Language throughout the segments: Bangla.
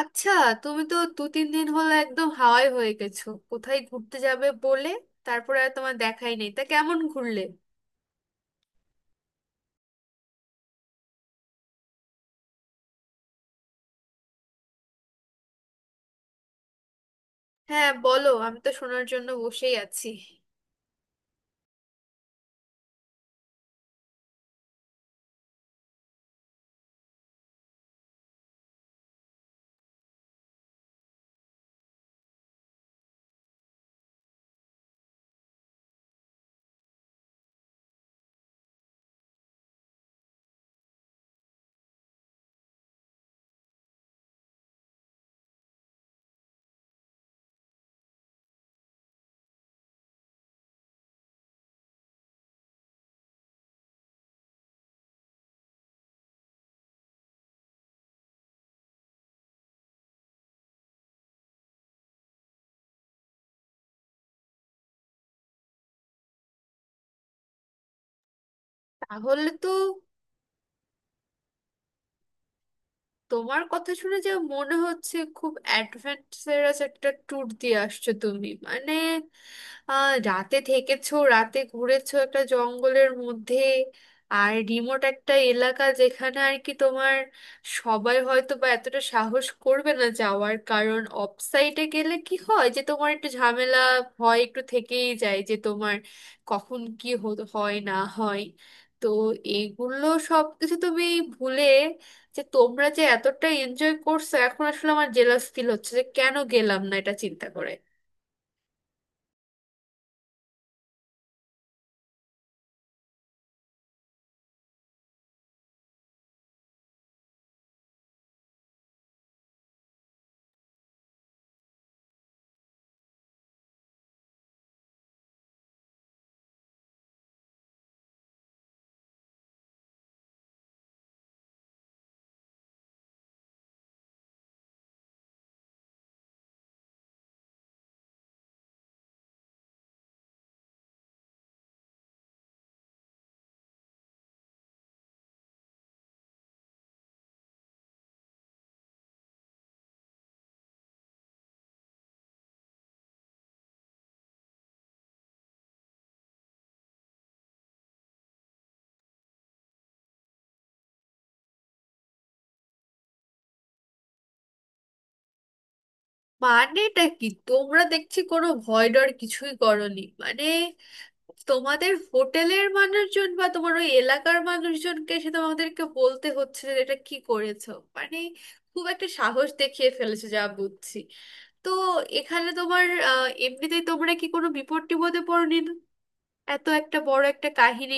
আচ্ছা, তুমি তো দু তিন দিন হলো একদম হাওয়াই হয়ে গেছো, কোথায় ঘুরতে যাবে বলে তারপরে আর তোমার দেখাই নেই। তা কেমন ঘুরলে? হ্যাঁ, বলো, আমি তো শোনার জন্য বসেই আছি। তাহলে তো তোমার কথা শুনে যা মনে হচ্ছে, খুব অ্যাডভেঞ্চারাস একটা ট্যুর দিয়ে আসছো তুমি, মানে রাতে থেকেছো, রাতে ঘুরেছো একটা জঙ্গলের মধ্যে। আর রিমোট একটা এলাকা যেখানে আর কি তোমার, সবাই হয়তো বা এতটা সাহস করবে না যাওয়ার। কারণ অফসাইটে গেলে কি হয় যে তোমার একটু ঝামেলা হয়, একটু থেকেই যায় যে তোমার কখন কি হয় না হয়। তো এগুলো সব কিছু তুমি ভুলে, যে তোমরা যে এতটা এনজয় করছো, এখন আসলে আমার জেলাস ফিল হচ্ছে যে কেন গেলাম না এটা চিন্তা করে। মানেটা কি, তোমরা দেখছি কোনো ভয় ডর কিছুই করনি। মানে তোমাদের হোটেলের মানুষজন বা তোমার ওই এলাকার মানুষজনকে এসে তোমাদেরকে বলতে হচ্ছে যে এটা কি করেছো। মানে খুব একটা সাহস দেখিয়ে ফেলেছো যা বুঝছি। তো এখানে তোমার, এমনিতেই তোমরা কি কোনো বিপদ টিপদে পড়নি না? এত একটা বড় একটা কাহিনী।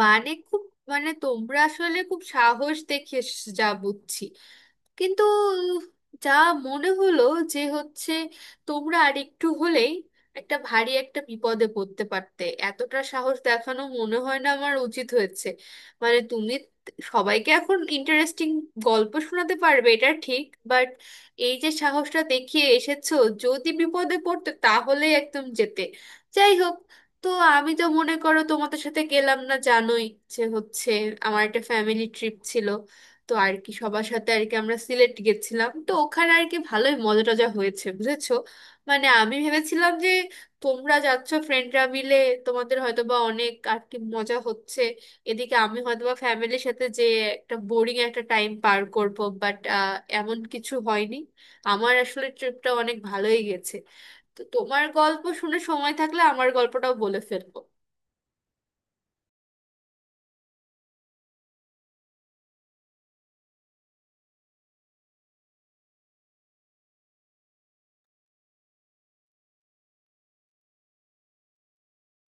মানে খুব, মানে তোমরা আসলে খুব সাহস দেখিয়ে এসেছো যা বুঝছি। কিন্তু যা মনে হলো, যে হচ্ছে তোমরা আর একটু হলেই একটা ভারী একটা বিপদে পড়তে পারতে। এতটা সাহস দেখানো মনে হয় না আমার উচিত হয়েছে। মানে তুমি সবাইকে এখন ইন্টারেস্টিং গল্প শোনাতে পারবে এটা ঠিক। বাট এই যে সাহসটা দেখিয়ে এসেছো, যদি বিপদে পড়তে তাহলে একদম যেতে। যাই হোক। তো আমি তো মনে করো তোমাদের সাথে গেলাম না, জানোই যে হচ্ছে আমার একটা ফ্যামিলি ট্রিপ ছিল। তো আর কি সবার সাথে আর কি আমরা সিলেট গেছিলাম। তো ওখানে আর কি ভালোই মজা টজা হয়েছে, বুঝেছো। মানে আমি ভেবেছিলাম যে তোমরা যাচ্ছ ফ্রেন্ডরা মিলে, তোমাদের হয়তো বা অনেক আর কি মজা হচ্ছে, এদিকে আমি হয়তো বা ফ্যামিলির সাথে যে একটা বোরিং একটা টাইম পার করব। বাট এমন কিছু হয়নি, আমার আসলে ট্রিপটা অনেক ভালোই গেছে। তো তোমার গল্প শুনে, সময় থাকলে আমার গল্পটাও বলে ফেলবো।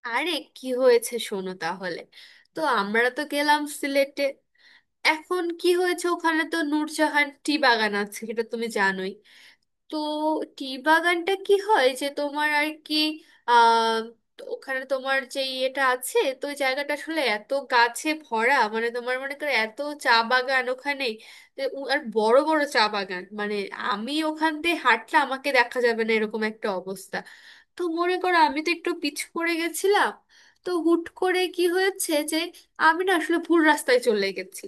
আরে কি হয়েছে শোনো তাহলে। তো আমরা তো গেলাম সিলেটে। এখন কি হয়েছে, ওখানে তো নূরজাহান টি বাগান আছে, সেটা তুমি জানোই। তো টি বাগানটা কি হয় যে তোমার আর কি আহ তো ওখানে তোমার যে ইয়েটা আছে, তো ওই জায়গাটা আসলে এত গাছে ভরা, মানে তোমার মনে করো এত চা বাগান ওখানে, যে আর বড় বড় চা বাগান, মানে আমি ওখান দিয়ে হাঁটলে আমাকে দেখা যাবে না এরকম একটা অবস্থা। তো মনে করো আমি তো একটু পিচ পড়ে গেছিলাম। তো হুট করে কি হয়েছে যে আমি না আসলে ভুল রাস্তায় চলে গেছি।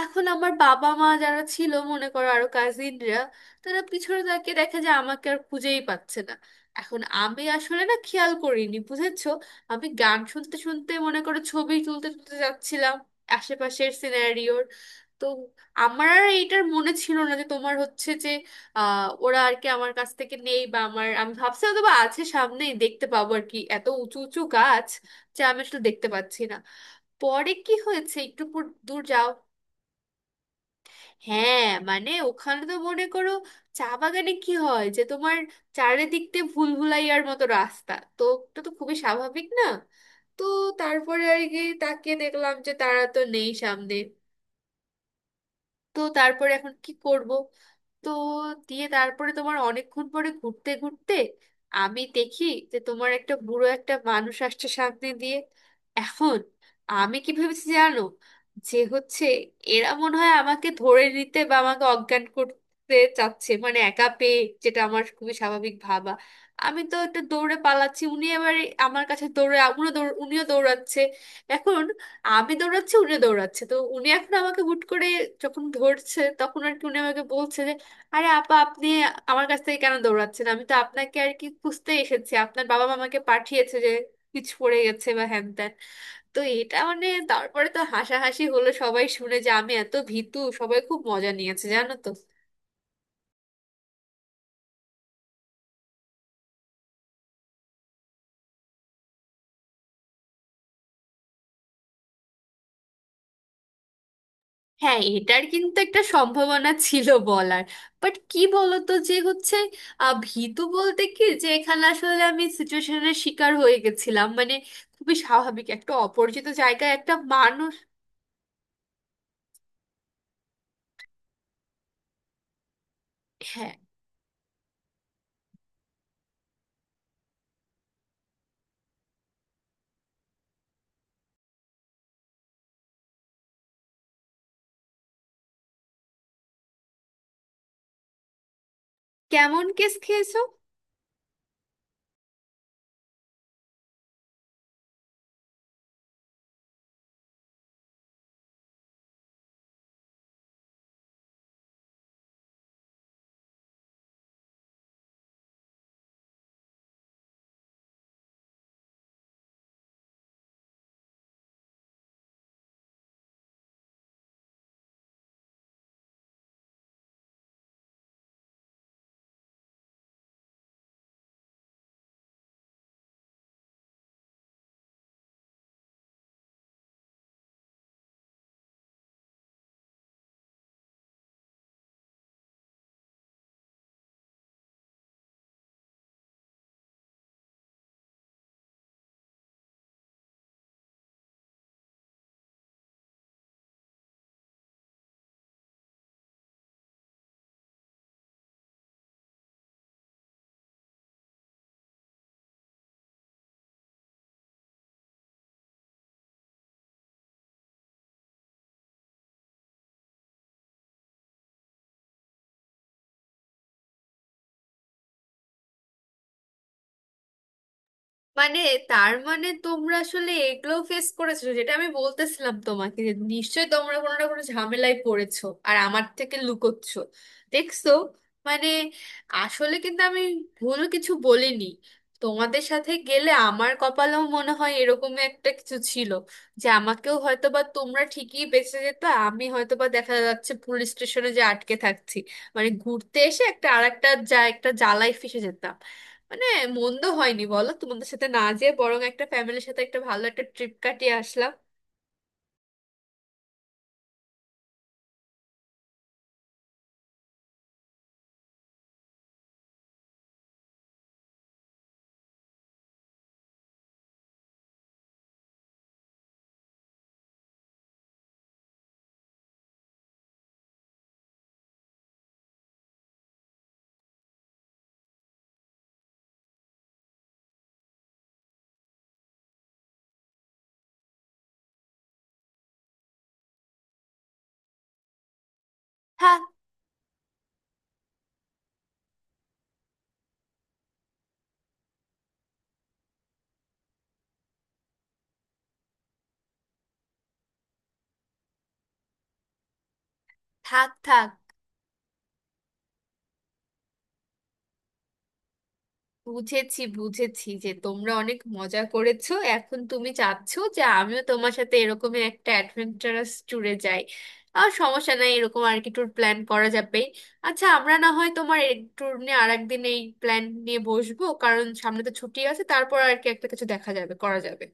এখন আমার বাবা মা যারা ছিল, মনে করো আরো কাজিনরা, তারা পিছনে তাকিয়ে দেখে যে আমাকে আর খুঁজেই পাচ্ছে না। এখন আমি আসলে না খেয়াল করিনি, বুঝেছো। আমি গান শুনতে শুনতে মনে করো ছবি তুলতে তুলতে যাচ্ছিলাম আশেপাশের সিনারিওর। তো আমার আর এইটার মনে ছিল না যে তোমার হচ্ছে ওরা আর কি আমার কাছ থেকে নেই। বা আমার, আমি ভাবছি হয়তো বা আছে সামনেই দেখতে পাবো আর কি, এত উঁচু উঁচু গাছ যা আমি আসলে দেখতে পাচ্ছি না। পরে কি হয়েছে, একটু দূর যাও। হ্যাঁ, মানে ওখানে তো মনে করো চা বাগানে কি হয় যে তোমার চারিদিক দিয়ে ভুলভুলাইয়ার মতো রাস্তা, তো ওটা তো খুবই স্বাভাবিক না। তো তারপরে আর কি তাকিয়ে দেখলাম যে তারা তো নেই সামনে। তো তারপরে এখন কি করব। তো, দিয়ে তারপরে তোমার অনেকক্ষণ পরে ঘুরতে ঘুরতে আমি দেখি যে তোমার একটা বুড়ো একটা মানুষ আসছে সামনে দিয়ে। এখন আমি কি ভেবেছি জানো, যে হচ্ছে এরা মনে হয় আমাকে ধরে নিতে বা আমাকে অজ্ঞান করতে চাচ্ছে, মানে একা পেয়ে, যেটা আমার খুবই স্বাভাবিক ভাবা। আমি তো একটু দৌড়ে পালাচ্ছি, উনি এবারে আমার কাছে দৌড়ে, উনিও দৌড়াচ্ছে। এখন আমি দৌড়াচ্ছি, উনি দৌড়াচ্ছে। তো উনি এখন আমাকে হুট করে যখন ধরছে, তখন আর কি উনি আমাকে বলছে যে, আরে আপা, আপনি আমার কাছ থেকে কেন দৌড়াচ্ছেন, আমি তো আপনাকে আর কি খুঁজতে এসেছি, আপনার বাবা মামাকে পাঠিয়েছে যে কিছু পড়ে গেছে বা হ্যান ত্যান। তো এটা মানে, তারপরে তো হাসাহাসি হলো সবাই শুনে যে আমি এত ভীতু, সবাই খুব মজা নিয়েছে জানো তো। হ্যাঁ, এটার কিন্তু একটা সম্ভাবনা ছিল বলার। বাট কি বলতো যে হচ্ছে, ভীতু বলতে কি যে এখানে আসলে আমি সিচুয়েশনের শিকার হয়ে গেছিলাম, মানে খুবই স্বাভাবিক একটা অপরিচিত জায়গায় একটা মানুষ। হ্যাঁ। কেমন কেস খেয়েছো? মানে তার মানে তোমরা আসলে এগুলো ফেস করেছো, যেটা আমি বলতেছিলাম তোমাকে যে নিশ্চয়ই তোমরা কোনো না কোনো ঝামেলায় পড়েছো আর আমার থেকে লুকোচ্ছ। দেখছো? মানে আসলে কিন্তু আমি ভুল কিছু বলিনি। তোমাদের সাথে গেলে আমার কপালেও মনে হয় এরকম একটা কিছু ছিল, যে আমাকেও হয়তোবা, তোমরা ঠিকই বেঁচে যেত, আমি হয়তোবা দেখা যাচ্ছে পুলিশ স্টেশনে যে আটকে থাকছি। মানে ঘুরতে এসে একটা আর একটা যা, একটা জ্বালায় ফেঁসে যেতাম। মানে মন্দ হয়নি বলো, তোমাদের সাথে না যেয়ে বরং একটা ফ্যামিলির সাথে একটা ভালো একটা ট্রিপ কাটিয়ে আসলাম। থাক, থাক, থাক। বুঝেছি, বুঝেছি যে তোমরা অনেক মজা করেছো, এখন তুমি চাচ্ছো যে আমিও তোমার সাথে এরকম একটা অ্যাডভেঞ্চারাস ট্যুরে যাই। আর সমস্যা নাই, এরকম আর কি ট্যুর প্ল্যান করা যাবে। আচ্ছা, আমরা না হয় তোমার এই ট্যুর নিয়ে আর একদিন, এই প্ল্যান নিয়ে বসবো। কারণ সামনে তো ছুটি আছে, তারপর আর কি একটা কিছু দেখা যাবে, করা যাবে।